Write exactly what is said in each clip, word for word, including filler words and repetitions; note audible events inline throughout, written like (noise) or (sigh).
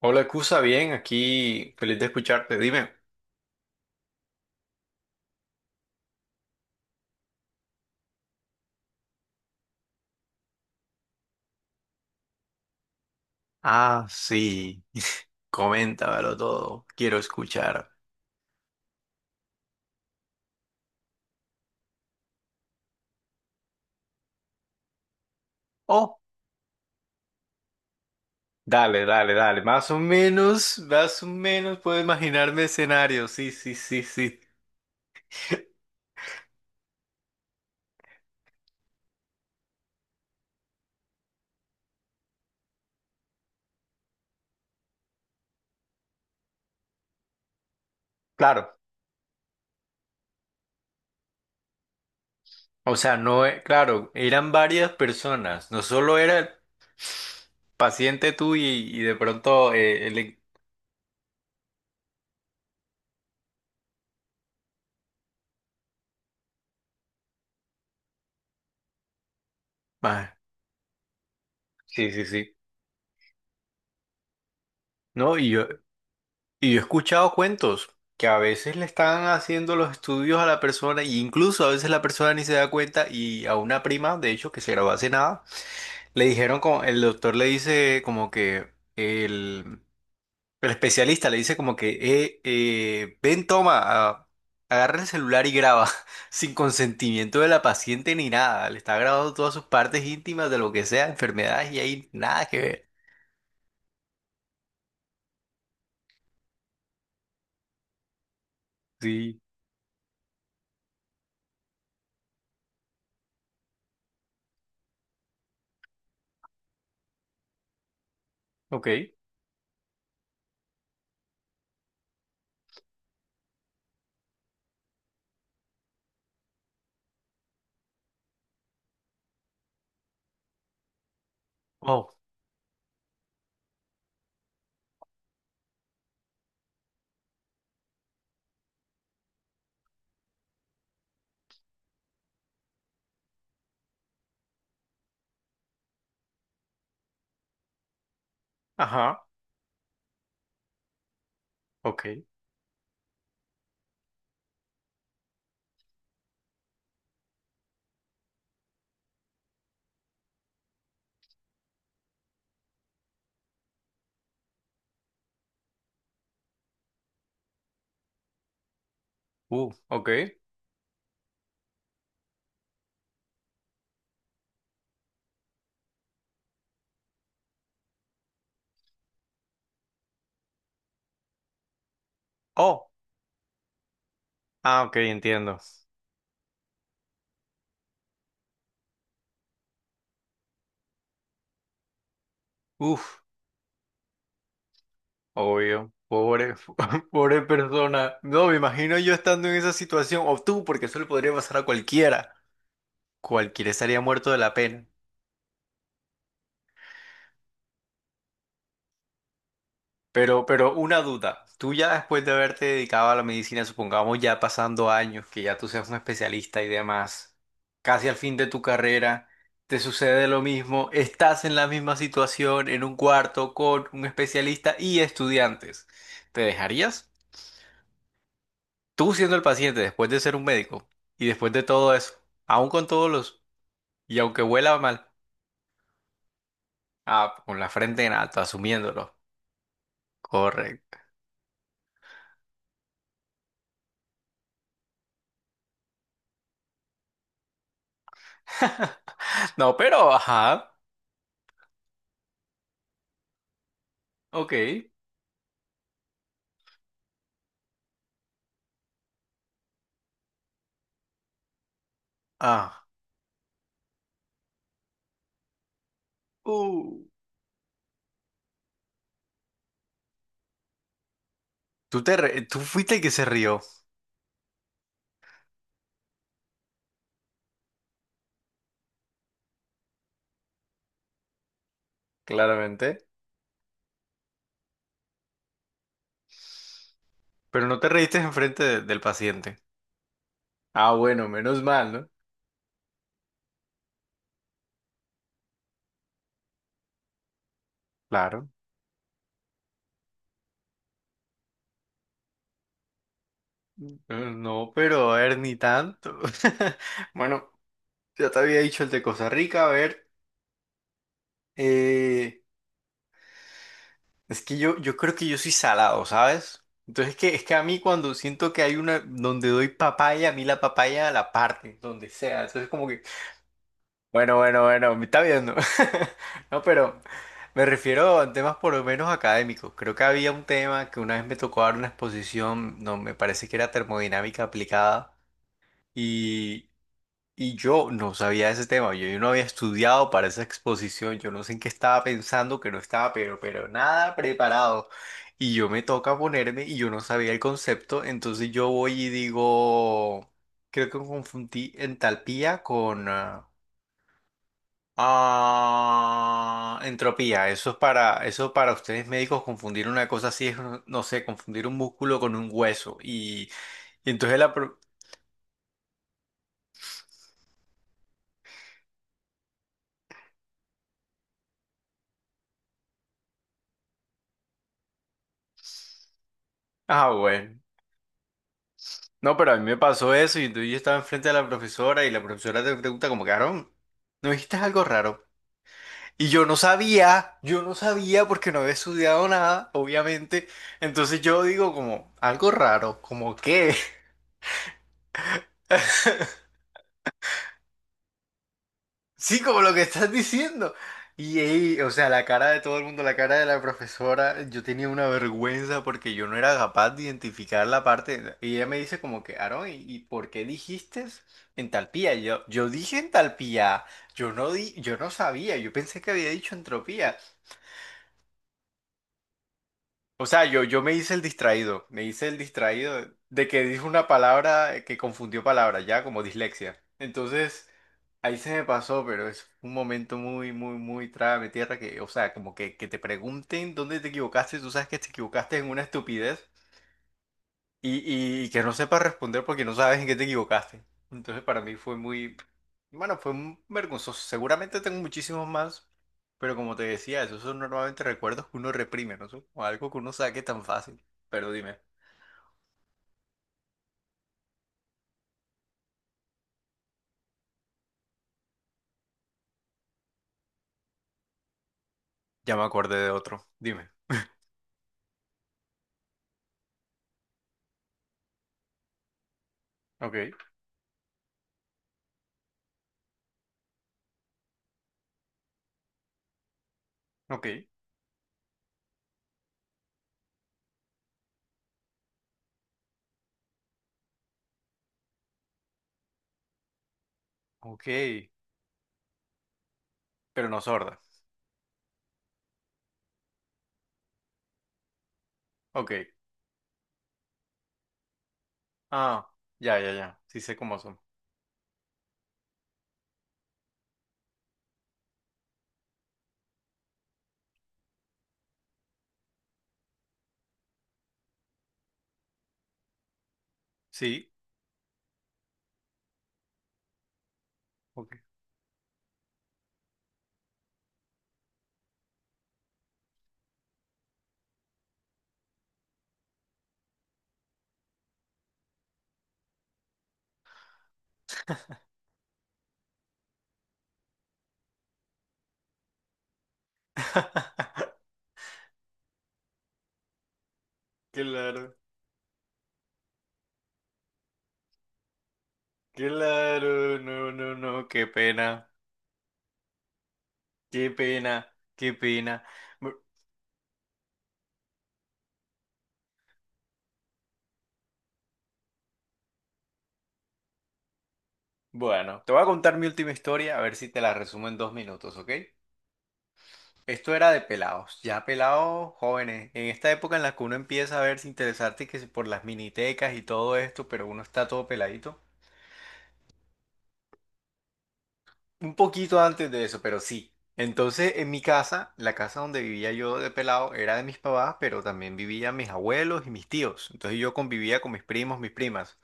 Hola, Cusa, bien, aquí feliz de escucharte. Dime. Ah, sí. (laughs) Coméntamelo todo. Quiero escuchar. Oh, dale, dale, dale. Más o menos, más o menos puedo imaginarme escenarios. Sí, sí, sí, sí. (laughs) Claro. O sea, no, e- claro, eran varias personas. No solo era el paciente tú y, y de pronto eh, el... Ah, sí, sí, sí. No, y yo, y yo he escuchado cuentos que a veces le están haciendo los estudios a la persona y incluso a veces la persona ni se da cuenta y a una prima, de hecho, que se graduó hace nada, le dijeron como, el doctor le dice como que el, el especialista le dice como que, eh, eh, ven, toma, a- agarra el celular y graba (laughs) sin consentimiento de la paciente ni nada, le está grabando todas sus partes íntimas de lo que sea, enfermedades y ahí nada que ver. Sí, ok. Oh, ajá, ok. Uh, ok. Oh, ah, ok, entiendo. Uf, obvio. Pobre, (laughs) pobre persona. No, me imagino yo estando en esa situación, o tú, porque eso le podría pasar a cualquiera. Cualquiera estaría muerto de la pena. Pero, pero una duda. Tú ya después de haberte dedicado a la medicina, supongamos ya pasando años, que ya tú seas un especialista y demás, casi al fin de tu carrera, te sucede lo mismo, estás en la misma situación, en un cuarto con un especialista y estudiantes. ¿Te dejarías? Tú siendo el paciente, después de ser un médico, y después de todo eso, aún con todos los, y aunque huela mal, ah, con la frente en alto, asumiéndolo. Correcto. (laughs) No, pero, ajá, ok. Ah, uh. Tú te re- tú fuiste el que se rió, claramente, pero no te reíste enfrente de- del paciente. Ah, bueno, menos mal, ¿no? Claro. Eh, No, pero a ver, ni tanto. (laughs) Bueno, ya te había dicho el de Costa Rica, a ver. eh, Es que yo, yo creo que yo soy salado, ¿sabes? Entonces es que, es que a mí cuando siento que hay una donde doy papaya, a mí la papaya la parte, donde sea. Entonces como que, bueno, bueno, bueno, me está viendo. (laughs) No, pero me refiero a temas por lo menos académicos. Creo que había un tema que una vez me tocó dar una exposición, no, me parece que era termodinámica aplicada. y y yo no sabía de ese tema, yo, yo no había estudiado para esa exposición, yo no sé en qué estaba pensando, que no estaba, pero, pero nada preparado. Y yo me toca ponerme y yo no sabía el concepto, entonces yo voy y digo, creo que confundí entalpía con ah, ah, entropía. Eso es para, eso para ustedes médicos confundir una cosa así es, no, no sé, confundir un músculo con un hueso. Y, y entonces. la... pro- Ah, bueno. No, pero a mí me pasó eso y entonces yo estaba enfrente de la profesora y la profesora te pregunta como, Carón, ¿no dijiste algo raro? Y yo no sabía, yo no sabía porque no había estudiado nada, obviamente. Entonces yo digo como, algo raro, como qué. (laughs) Sí, como lo que estás diciendo. Y ahí, o sea, la cara de todo el mundo, la cara de la profesora, yo tenía una vergüenza porque yo no era capaz de identificar la parte. Y ella me dice como que, Aarón, ¿y, y por qué dijiste entalpía? Y Yo, yo dije entalpía, yo no di, yo no sabía, yo pensé que había dicho entropía. O sea, yo, yo me hice el distraído, me hice el distraído de que dijo una palabra eh, que confundió palabras, ya como dislexia. Entonces, ahí se me pasó, pero es un momento muy, muy, muy trágame tierra que, o sea, como que, que te pregunten dónde te equivocaste, tú sabes que te equivocaste en una estupidez y, y que no sepas responder porque no sabes en qué te equivocaste. Entonces para mí fue muy, bueno, fue un vergonzoso. Seguramente tengo muchísimos más, pero como te decía, esos son normalmente recuerdos que uno reprime, ¿no? Son como algo que uno saque tan fácil. Pero dime, ya me acordé de otro. Dime. Ok, ok, ok, pero no sorda. Ok. Ah, ya, ya, ya. Sí sé cómo son. Sí, ok. (laughs) Claro, claro, no, no, no, qué pena. Qué pena, qué pena. Bu- Bueno, te voy a contar mi última historia, a ver si te la resumo en dos minutos, ¿ok? Esto era de pelados, ya pelados jóvenes. En esta época en la que uno empieza a verse interesarte que si por las minitecas y todo esto, pero uno está todo peladito. Un poquito antes de eso, pero sí. Entonces, en mi casa, la casa donde vivía yo de pelado era de mis papás, pero también vivían mis abuelos y mis tíos. Entonces yo convivía con mis primos, mis primas.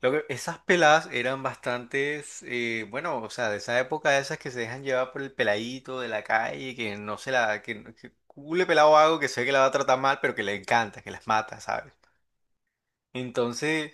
Lo que- esas peladas eran bastantes, eh, bueno, o sea, de esa época, de esas que se dejan llevar por el peladito de la calle, que no se la, que, no- que cule pelado hago que sé que la va a tratar mal, pero que le encanta, que las mata, ¿sabes? Entonces,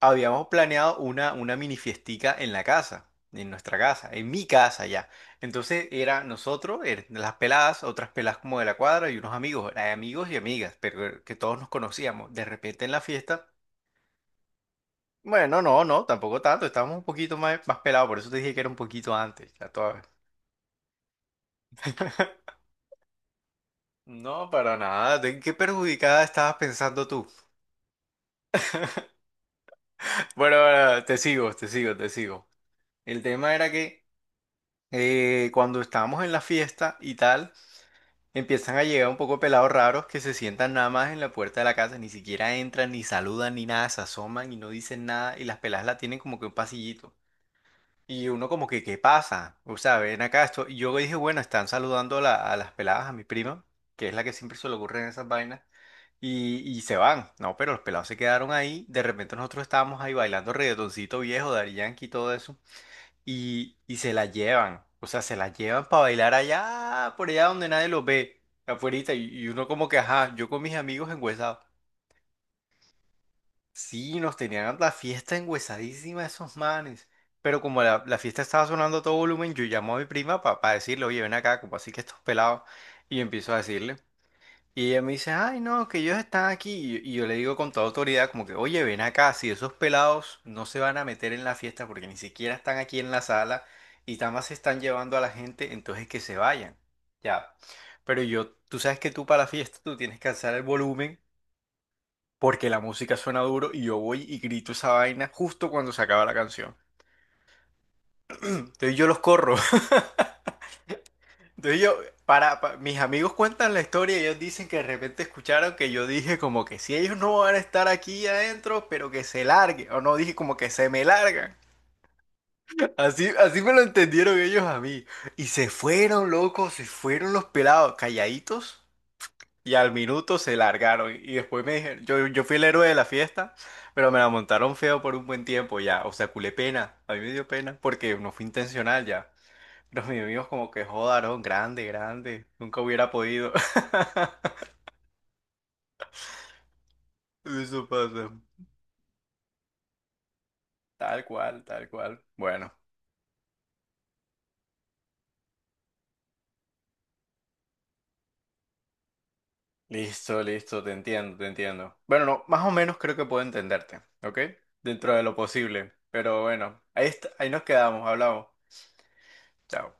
habíamos planeado una, una mini fiestica en la casa, en nuestra casa, en mi casa ya. Entonces, era nosotros, er- las peladas, otras peladas como de la cuadra y unos amigos, eh, amigos y amigas, pero eh, que todos nos conocíamos. De repente en la fiesta. Bueno, no, no, tampoco tanto. Estábamos un poquito más, más pelados, por eso te dije que era un poquito antes, ya todavía. (laughs) No, para nada. ¿En qué perjudicada estabas pensando tú? Bueno, bueno, te sigo, te sigo, te sigo. El tema era que eh, cuando estábamos en la fiesta y tal, empiezan a llegar un poco pelados raros que se sientan nada más en la puerta de la casa, ni siquiera entran, ni saludan, ni nada, se asoman y no dicen nada, y las peladas la tienen como que un pasillito. Y uno como que, ¿qué pasa? O sea, ven acá esto. Y yo dije, bueno, están saludando a, la- a las peladas, a mi prima, que es la que siempre se le ocurren esas vainas, y, y se van. No, pero los pelados se quedaron ahí. De repente nosotros estábamos ahí bailando reggaetoncito viejo, Daddy Yankee y todo eso. Y, y se la llevan. O sea, se la llevan para bailar allá, por allá donde nadie los ve, afuerita. Y, y uno como que, ajá, yo con mis amigos engüesados. Sí, nos tenían la fiesta engüesadísima esos manes. Pero como la, la fiesta estaba sonando a todo volumen, yo llamo a mi prima para decirle, oye, ven acá, como así que estos pelados. Y empiezo a decirle. Y ella me dice, ay, no, que ellos están aquí. Y, yo y yo le digo con toda autoridad, como que, oye, ven acá, si esos pelados no se van a meter en la fiesta porque ni siquiera están aquí en la sala y nada más se están llevando a la gente, entonces que se vayan. Ya. Pero yo, tú sabes que tú para la fiesta tú tienes que alzar el volumen porque la música suena duro y yo voy y grito esa vaina justo cuando se acaba la canción. Entonces yo los corro. (laughs) Entonces yo, para, pa- mis amigos cuentan la historia y ellos dicen que de repente escucharon que yo dije como que si ellos no van a estar aquí adentro, pero que se larguen. O no, dije como que se me largan. (laughs) Así, así me lo entendieron ellos a mí. Y se fueron, locos, se fueron los pelados, calladitos. Y al minuto se largaron. Y después me dijeron, yo, yo fui el héroe de la fiesta, pero me la montaron feo por un buen tiempo ya. O sea, culé pena. A mí me dio pena porque no fue intencional ya. Pero mis amigos como que jodaron, grande, grande. Nunca hubiera podido. (laughs) Eso pasa. Tal cual, tal cual. Bueno, listo, listo, te entiendo, te entiendo. Bueno, no, más o menos creo que puedo entenderte, ¿ok? Dentro de lo posible. Pero bueno, ahí, est- ahí nos quedamos, hablamos. Chao.